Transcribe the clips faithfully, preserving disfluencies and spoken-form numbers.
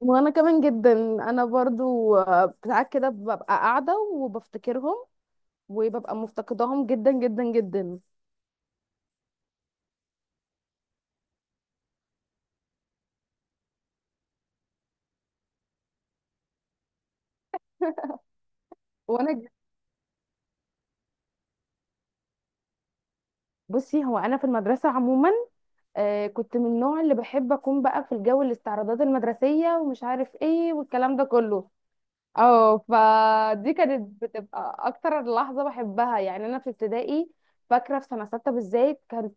وانا كمان جدا. انا برضو آه، ساعات كده ببقى قاعده وبفتكرهم، وببقى مفتقداهم جدا جدا جدا. وانا ج- بصي، هو انا في المدرسه عموما، آه، كنت من النوع اللي بحب اكون بقى في الجو، الاستعراضات المدرسيه ومش عارف ايه والكلام ده كله. اه، فدي كانت بتبقى اكتر لحظه بحبها، يعني انا في ابتدائي. فاكره في سنه سته بالذات كانت،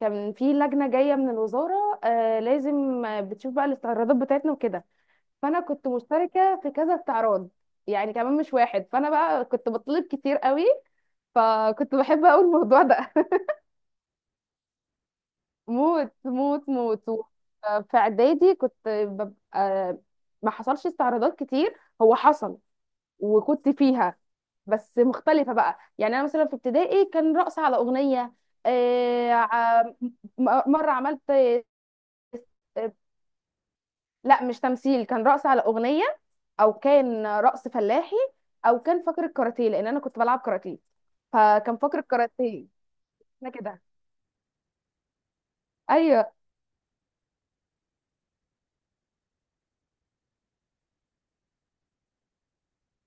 كان في لجنه جايه من الوزاره، آه، لازم آه، بتشوف بقى الاستعراضات بتاعتنا وكده. فانا كنت مشتركه في كذا استعراض، يعني كمان مش واحد. فانا بقى كنت بطلب كتير قوي، فكنت بحب اقول الموضوع ده. موت موت موت. و- في اعدادي كنت ببقى، ما حصلش استعراضات كتير. هو حصل، وكنت فيها بس مختلفة بقى. يعني أنا مثلا في ابتدائي كان رقص على أغنية. آه، ع- م- مرة عملت. لا، مش تمثيل، كان رقص على اغنيه. او كان رقص فلاحي، او كان فقرة كاراتيه لان انا كنت بلعب كاراتيه. فكان فقرة كاراتيه. احنا كده. ايوه.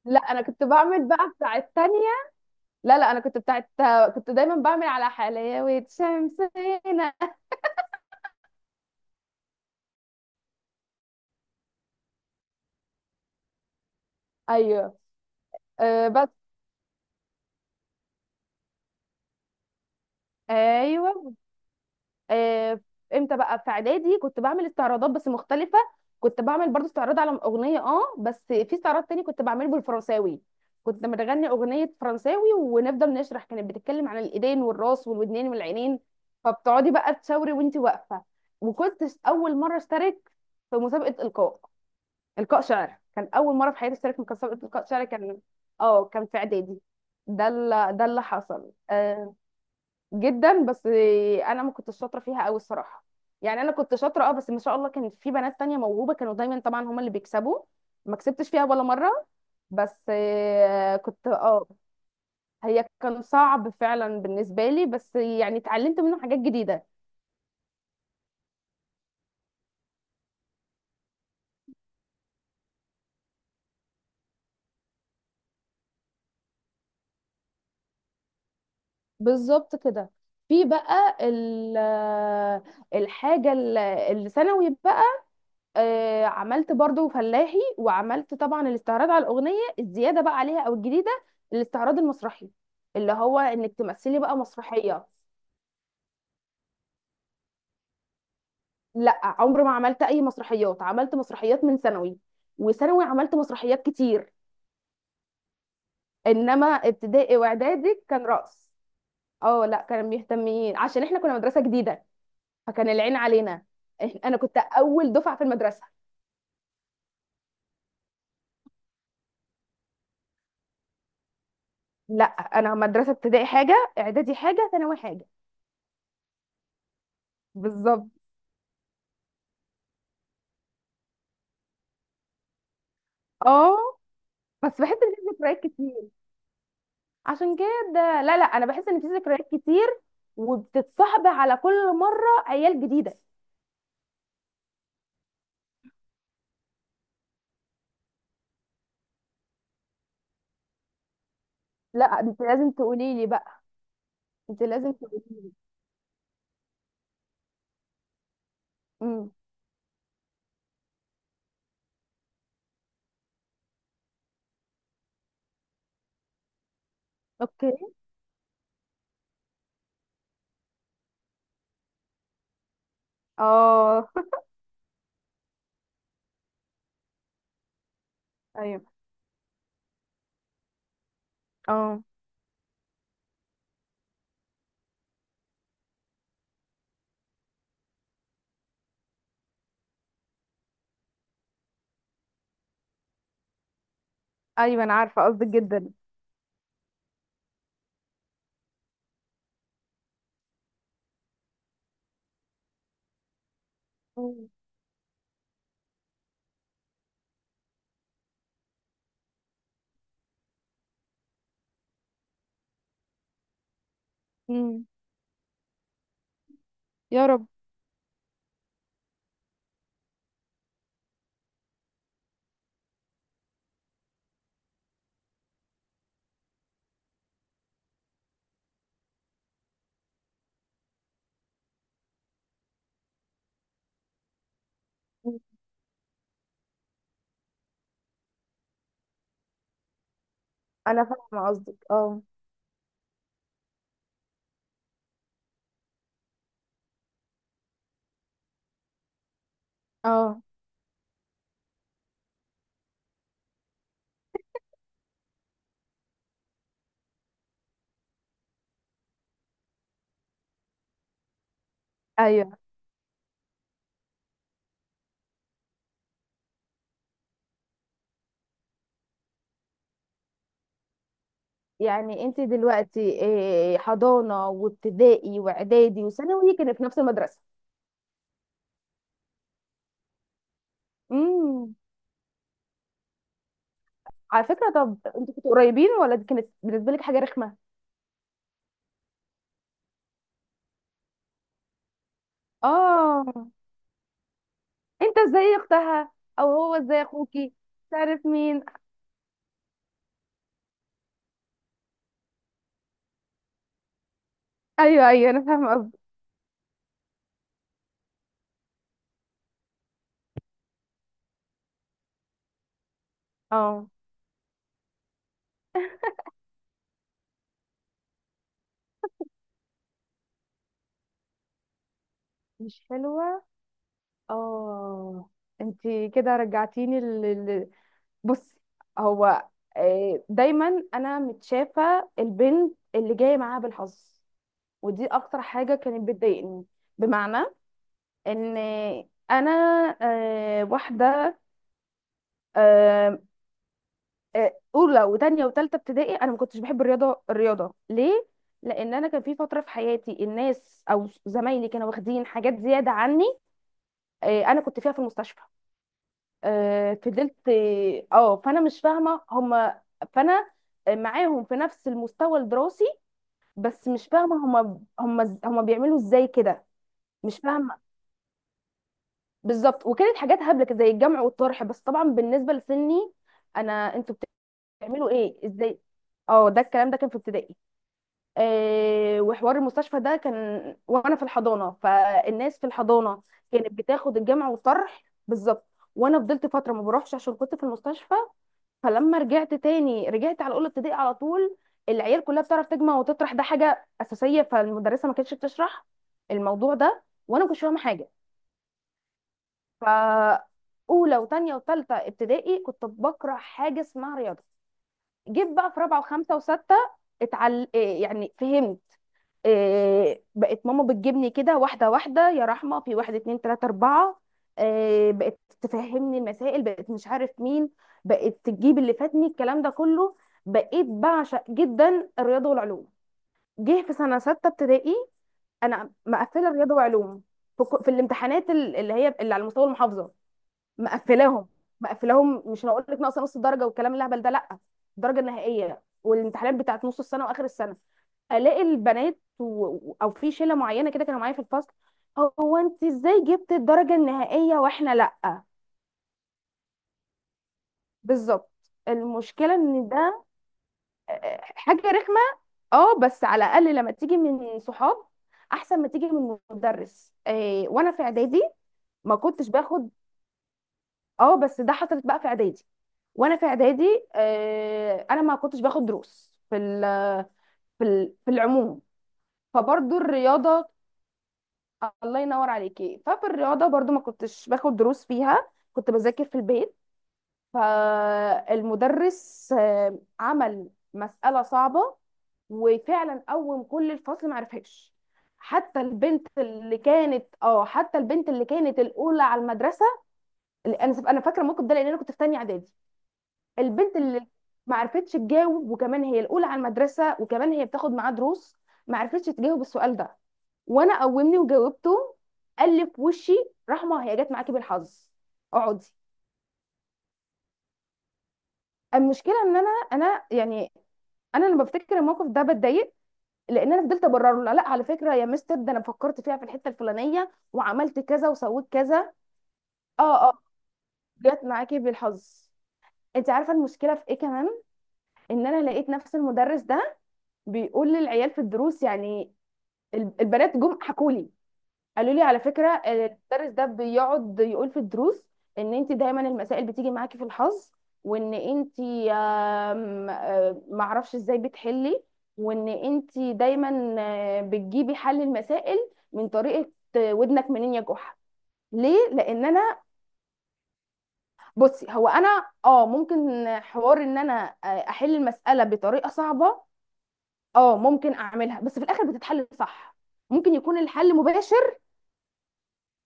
لا، انا كنت بعمل بقى بتاع التانية. لا، لا، انا كنت بتاعت، كنت دايما بعمل على حلاوة شمسنا. ايوه. أه، بس. ايوه. آه، امتى بقى، في اعدادي كنت بعمل استعراضات بس مختلفه. كنت بعمل برضو استعراض على اغنيه، اه بس في استعراض تاني كنت بعمله بالفرنساوي. كنت بنغني اغنيه فرنساوي ونفضل نشرح، كانت بتتكلم عن الايدين والراس والودنين والعينين. فبتقعدي بقى تشاوري وانت واقفه. وكنت اول مره اشترك في مسابقه القاء، القاء شعر. كان اول مره في حياتي اشترك في مسابقه القاء شعر. كان اه كان في اعدادي. ده اللي ده اللي حصل. آه، جدا، بس انا ما كنتش شاطره فيها قوي الصراحه. يعني انا كنت شاطره، اه بس ما شاء الله كان في بنات تانية موهوبه، كانوا دايما طبعا هما اللي بيكسبوا. ما كسبتش فيها ولا مره. بس آه، كنت اه. هي كان صعب فعلا بالنسبه لي، بس يعني اتعلمت منه حاجات جديده. بالظبط كده. في بقى ال- الحاجه ال- الثانوي بقى. آه، عملت برضو فلاحي، وعملت طبعا الاستعراض على الاغنيه الزياده بقى عليها او الجديده. الاستعراض المسرحي اللي هو انك تمثلي بقى مسرحيه. لا، عمري ما عملت اي مسرحيات. عملت مسرحيات من ثانوي، وثانوي عملت مسرحيات كتير. انما ابتدائي واعدادي كان رقص. اه، لا كانوا مهتمين عشان احنا كنا مدرسه جديده. فكان العين علينا. إح- انا كنت اول دفعه في المدرسه. لا، انا مدرسه ابتدائي حاجه، اعدادي حاجه، ثانوي حاجه. بالظبط. اه، بس بحس ان في ذكريات كتير. عشان كده، لا، لا، انا بحس ان في ذكريات كتير. وبتتصاحب على كل مره عيال جديده. لا، انت لازم تقولي لي بقى. انت لازم تقولي لي. امم. اوكي. اه. ايوه. اه. ايوه، انا عارفه قصدك جدا. مم. مم. يا رب. مم. انا فاهمه قصدك، اه. اه. ايوه. يعني انت دلوقتي إيه، حضانه وابتدائي واعدادي وثانوي كانت في نفس المدرسه؟ مم. على فكرة، طب انتوا كنتوا قريبين ولا دي كانت بالنسبة لك حاجة رخمة؟ اه، انت ازاي اختها، او هو ازاي اخوكي؟ مش عارف مين. ايوه، ايوه، انا فاهمة قصدي. اه. مش حلوة. اه. انتي كده رجعتيني ل... ل... بصي، هو آه، دايما انا متشافة البنت اللي جاية معاها بالحظ. ودي اكتر حاجة كانت بتضايقني. بمعنى ان انا آه، واحدة. آه، آه، اولى وتانية وتالتة ابتدائي انا ما كنتش بحب الرياضه. الرياضه ليه؟ لان انا كان في فتره في حياتي الناس او زمايلي كانوا واخدين حاجات زياده عني. آه، انا كنت فيها في المستشفى. آه، فضلت اه آه، فانا مش فاهمه هم. فانا معاهم في نفس المستوى الدراسي، بس مش فاهمه هم هم هم بيعملوا ازاي كده. مش فاهمه. بالظبط، وكانت حاجات هبله كده زي الجمع والطرح بس طبعا بالنسبه لسني. انا، انتوا بتعملوا ايه، ازاي؟ اه، ده الكلام ده كان في ابتدائي. آه، وحوار المستشفى ده كان وانا في الحضانه. فالناس في الحضانه كانت بتاخد الجمع والطرح. بالظبط. وانا فضلت فتره ما بروحش عشان كنت في المستشفى. فلما رجعت تاني رجعت على اولى ابتدائي على طول. العيال كلها بتعرف تجمع وتطرح، ده حاجه اساسيه، فالمدرسه ما كانتش بتشرح الموضوع ده، وانا ما كنتش فاهمه حاجه. ف اولى وتانية وتالتة ابتدائي كنت بكره حاجه اسمها رياضه. جيت بقى في رابعه وخمسه وسته، اتعل إيه يعني فهمت، إيه، بقت ماما بتجيبني كده واحده واحده، يا رحمه في واحد اتنين تلاته اربعه. إيه، بقت تفهمني المسائل، بقت مش عارف مين. بقت تجيب اللي فاتني الكلام ده كله. بقيت بعشق جدا الرياضه والعلوم. جه في سنه سته ابتدائي انا مقفله رياضه وعلوم. في, كو- في الامتحانات ال- اللي هي اللي على مستوى المحافظه. مقفلاهم. مقفلاهم، مش هقول لك ناقصه نص درجه والكلام الهبل ده لا. الدرجه النهائيه، والامتحانات بتاعت نص السنه واخر السنه. الاقي البنات و... او في شله معينه كده كانوا معايا في الفصل. هو انت ازاي جبت الدرجه النهائيه واحنا لا؟ بالظبط. المشكله ان ده. آه، حاجه رخمه. اه، بس على الاقل لما تيجي من صحاب احسن ما تيجي من مدرس. آه، وانا في اعدادي ما كنتش باخد. اه، بس ده حصلت بقى في اعدادي. وانا في اعدادي، آه، انا ما كنتش باخد دروس في ال في ال في العموم. فبرضو الرياضه. الله ينور عليكي، ففي الرياضه برضو ما كنتش باخد دروس فيها. كنت بذاكر في البيت. فالمدرس آه، عمل مساله صعبه، وفعلا قوم كل الفصل معرفهاش. حتى البنت اللي كانت اه حتى البنت اللي كانت الاولى على المدرسه. انا انا فاكره الموقف ده لان انا كنت في تانية اعدادي. البنت اللي ما عرفتش تجاوب، وكمان هي الاولى على المدرسه، وكمان هي بتاخد معاه دروس. ما عرفتش تجاوب السؤال ده، وانا قومني وجاوبته. قال لي في وشي: رحمه هي جت معاكي بالحظ، اقعدي. المشكله ان انا انا يعني، انا لما بفتكر الموقف ده بتضايق. لان انا فضلت ابرر له، لا على فكره يا مستر ده انا فكرت فيها في الحته الفلانيه وعملت كذا وسويت كذا. اه، اه، جت معاكي بالحظ. انت عارفه المشكله في ايه كمان؟ ان انا لقيت نفس المدرس ده بيقول للعيال في الدروس يعني. ال- البنات جم حكوا لي، قالوا لي على فكره المدرس ده بيقعد يقول في الدروس ان انت دايما المسائل بتيجي معاكي في الحظ، وان انت آم، آم، معرفش ازاي بتحلي، وان انت دايما آه، بتجيبي حل المسائل من طريقه. آه، ودنك منين يا جحا؟ ليه لان انا. بصي هو انا اه ممكن، حوار ان انا آه، احل المساله بطريقه صعبه، اه ممكن اعملها بس في الاخر بتتحل صح. ممكن يكون الحل مباشر.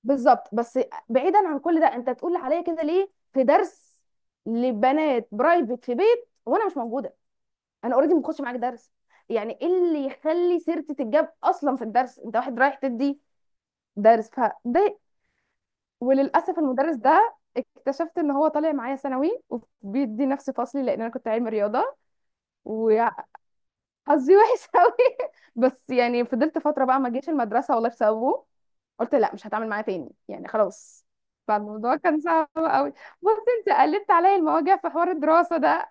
بالظبط، بس بعيدا عن كل ده، انت تقول عليا كده ليه في درس لبنات برايفت في بيت وانا مش موجوده؟ انا اوريدي ما باخدش معاك درس. يعني ايه اللي يخلي سيرتي تتجاب اصلا في الدرس؟ انت واحد رايح تدي درس، فده. وللاسف المدرس ده اكتشفت ان هو طالع معايا ثانوي، وبيدي نفس فصلي لان انا كنت علمي رياضه. و... حظي وحش قوي. بس يعني فضلت فتره بقى ما جيش المدرسه والله بسببه. قلت لا، مش هتعامل معاه تاني يعني خلاص. فالموضوع كان صعب قوي. بص، انت قلبت عليا المواجع في حوار الدراسه ده.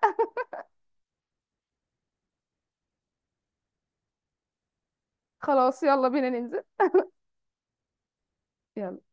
خلاص، يلا بينا ننزل. يلا.